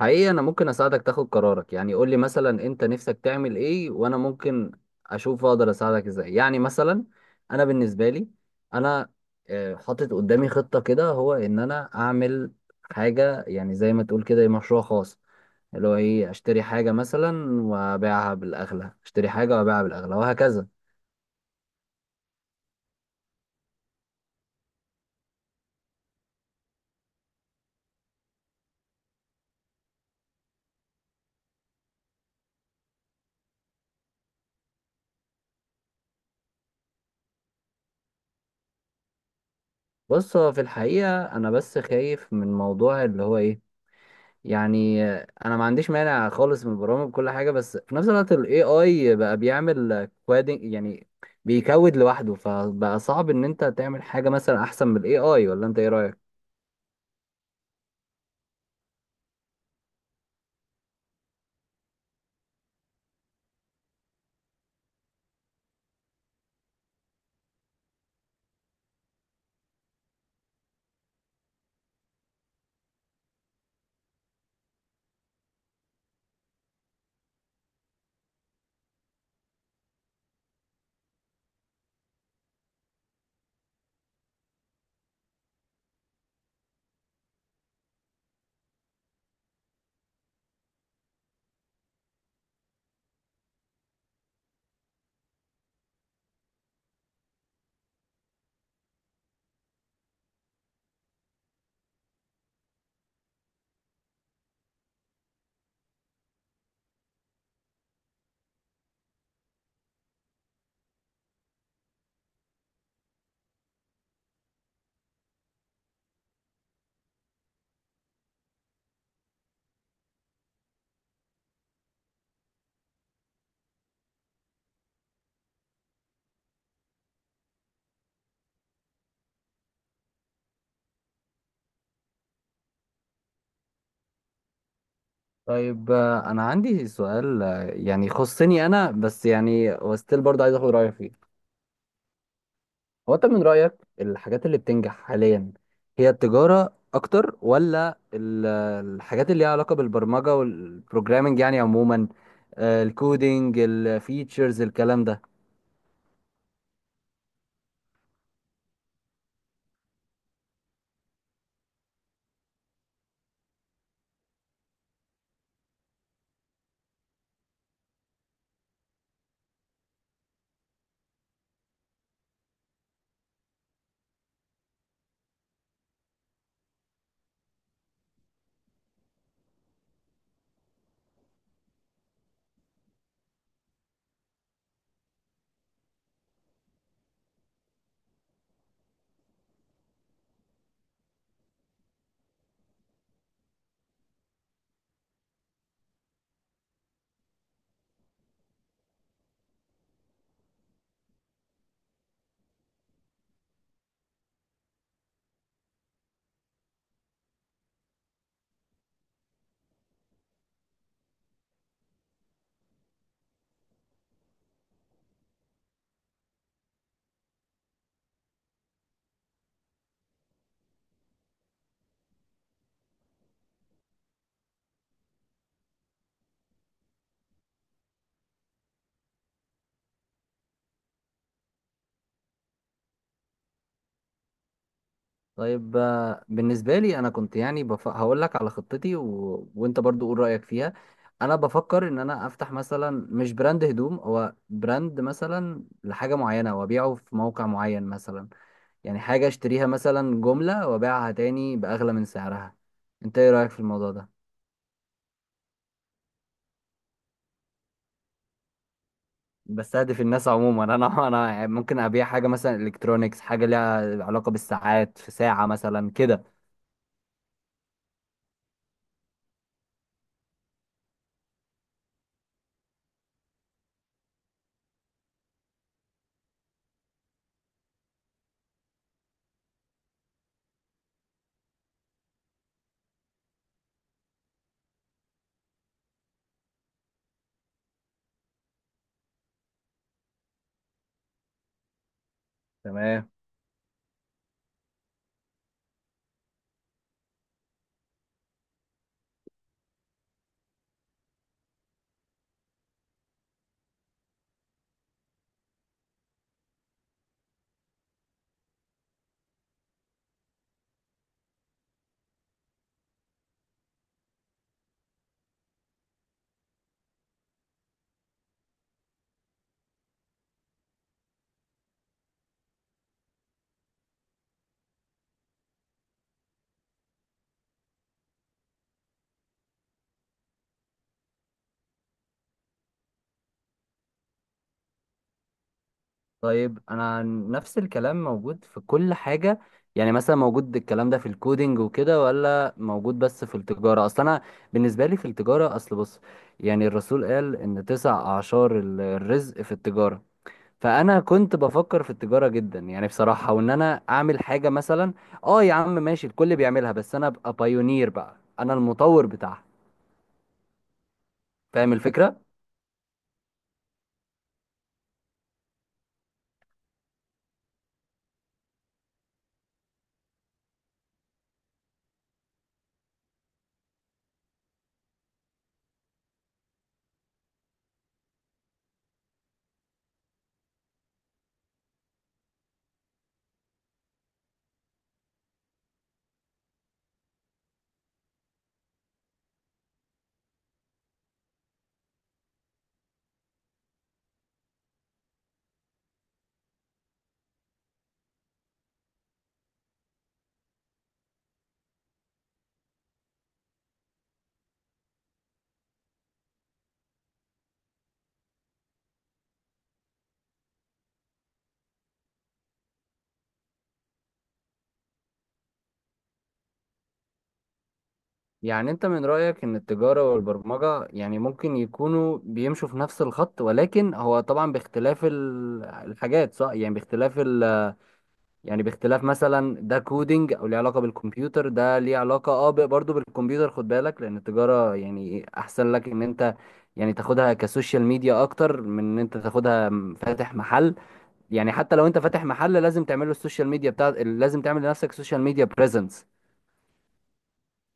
حقيقي انا ممكن اساعدك تاخد قرارك. يعني قول لي مثلا انت نفسك تعمل ايه، وانا ممكن اشوف اقدر اساعدك ازاي. يعني مثلا انا بالنسبه لي، انا حاطط قدامي خطه كده، هو ان انا اعمل حاجه يعني زي ما تقول كده مشروع خاص، اللي هو ايه؟ اشتري حاجه مثلا وابيعها بالاغلى، اشتري حاجه وابيعها بالاغلى، وهكذا. بص، هو في الحقيقه انا بس خايف من موضوع، اللي هو ايه؟ يعني انا ما عنديش مانع خالص من البرامج وكل حاجه، بس في نفس الوقت الاي اي بقى بيعمل كوادنج يعني، بيكود لوحده، فبقى صعب ان انت تعمل حاجه مثلا احسن من الاي اي. ولا انت ايه رايك؟ طيب، انا عندي سؤال يعني يخصني انا بس، يعني وستيل برضه عايز اخد رايك فيه. هو انت من رأيك الحاجات اللي بتنجح حاليا هي التجارة اكتر ولا الحاجات اللي ليها علاقة بالبرمجة والبروجرامنج يعني عموما؟ الكودينج، الفيتشرز، الكلام ده. طيب بالنسبة لي انا كنت يعني هقول لك على خطتي وانت برضو قول رأيك فيها. انا بفكر ان انا افتح مثلا، مش براند هدوم، هو براند مثلا لحاجة معينة وابيعه في موقع معين مثلا. يعني حاجة اشتريها مثلا جملة وابيعها تاني بأغلى من سعرها. انت ايه رأيك في الموضوع ده؟ بستهدف الناس عموما انا يعني ممكن ابيع حاجة مثلا الكترونيكس، حاجة ليها علاقة بالساعات، في ساعة مثلا كده. تمام. طيب انا، نفس الكلام موجود في كل حاجة؟ يعني مثلا موجود الكلام ده في الكودينج وكده، ولا موجود بس في التجارة؟ اصل انا بالنسبة لي في التجارة، اصل بص، يعني الرسول قال ان تسع اعشار الرزق في التجارة. فانا كنت بفكر في التجاره جدا يعني بصراحه، وان انا اعمل حاجه مثلا، اه يا عم ماشي الكل بيعملها، بس انا ابقى بايونير بقى، انا المطور بتاعها. فاهم الفكره؟ يعني انت من رايك ان التجاره والبرمجه يعني ممكن يكونوا بيمشوا في نفس الخط، ولكن هو طبعا باختلاف الحاجات، صح؟ يعني باختلاف، يعني باختلاف مثلا ده كودينج او ليه علاقه بالكمبيوتر، ده ليه علاقه اه برضه بالكمبيوتر. خد بالك، لان التجاره يعني احسن لك ان انت يعني تاخدها كسوشيال ميديا، اكتر من ان انت تاخدها فاتح محل. يعني حتى لو انت فاتح محل لازم تعمل له السوشيال ميديا بتاع، لازم تعمل لنفسك سوشيال ميديا بريزنس.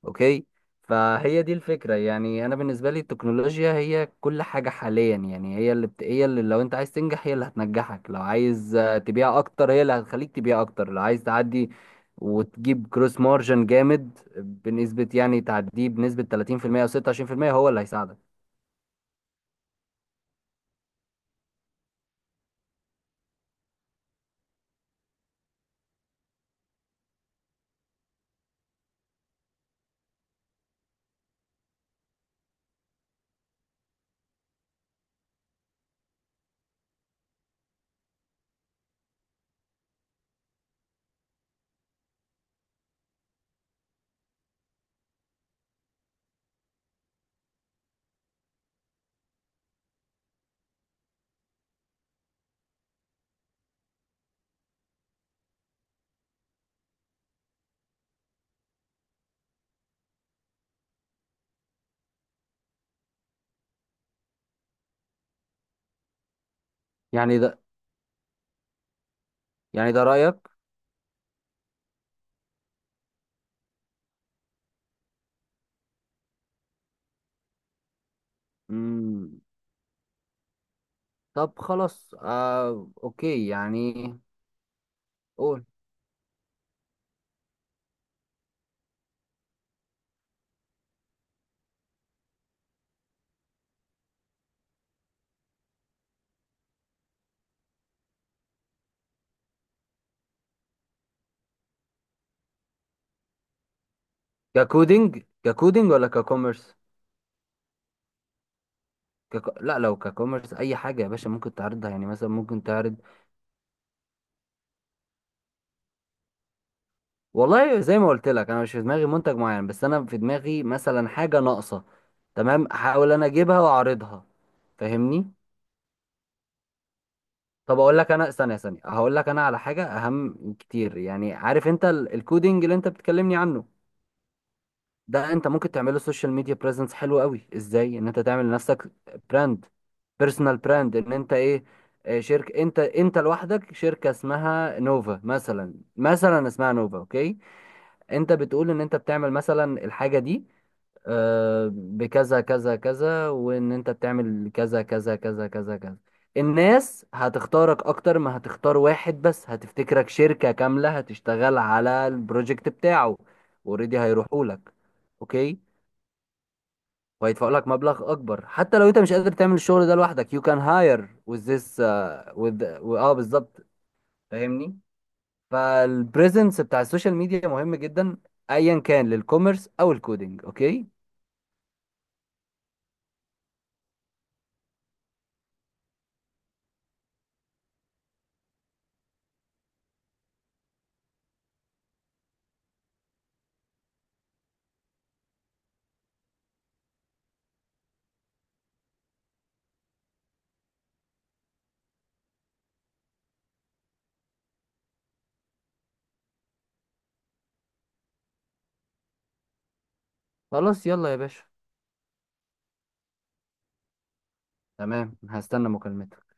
اوكي. فهي دي الفكرة، يعني انا بالنسبة لي التكنولوجيا هي كل حاجة حاليا. يعني هي اللي لو انت عايز تنجح هي اللي هتنجحك، لو عايز تبيع اكتر هي اللي هتخليك تبيع اكتر، لو عايز تعدي وتجيب كروس مارجن جامد بنسبة، يعني تعديه بنسبة 30% او 26%، هو اللي هيساعدك. يعني ده يعني ده رأيك؟ مم. طب خلاص اوكي يعني. قول. ككودينج ولا ككوميرس؟ لا، لو ككوميرس اي حاجه يا باشا ممكن تعرضها. يعني مثلا ممكن تعرض. والله زي ما قلت لك، انا مش في دماغي منتج معين، بس انا في دماغي مثلا حاجه ناقصه. تمام، احاول انا اجيبها واعرضها. فاهمني؟ طب اقول لك انا، ثانيه ثانيه، هقول لك انا على حاجه اهم كتير. يعني عارف انت الكودينج اللي انت بتكلمني عنه ده، انت ممكن تعمله سوشيال ميديا بريزنس حلو قوي؟ ازاي ان انت تعمل لنفسك براند، بيرسونال براند، ان انت ايه؟ اه، شركة. انت لوحدك شركة اسمها نوفا مثلا، مثلا اسمها نوفا، اوكي؟ انت بتقول ان انت بتعمل مثلا الحاجة دي اه، بكذا كذا كذا، وان انت بتعمل كذا كذا كذا كذا كذا. الناس هتختارك اكتر ما هتختار واحد بس، هتفتكرك شركة كاملة هتشتغل على البروجكت بتاعه. اوريدي هيروحوا لك، اوكي. وهيدفعوا لك مبلغ اكبر، حتى لو انت مش قادر تعمل الشغل ده لوحدك. You can hire with this with اه بالظبط. فاهمني. فالبريزنس بتاع السوشيال ميديا مهم جدا، ايا كان للكوميرس او الكودينج. اوكي. خلاص يلا يا باشا. تمام، هستنى مكالمتك.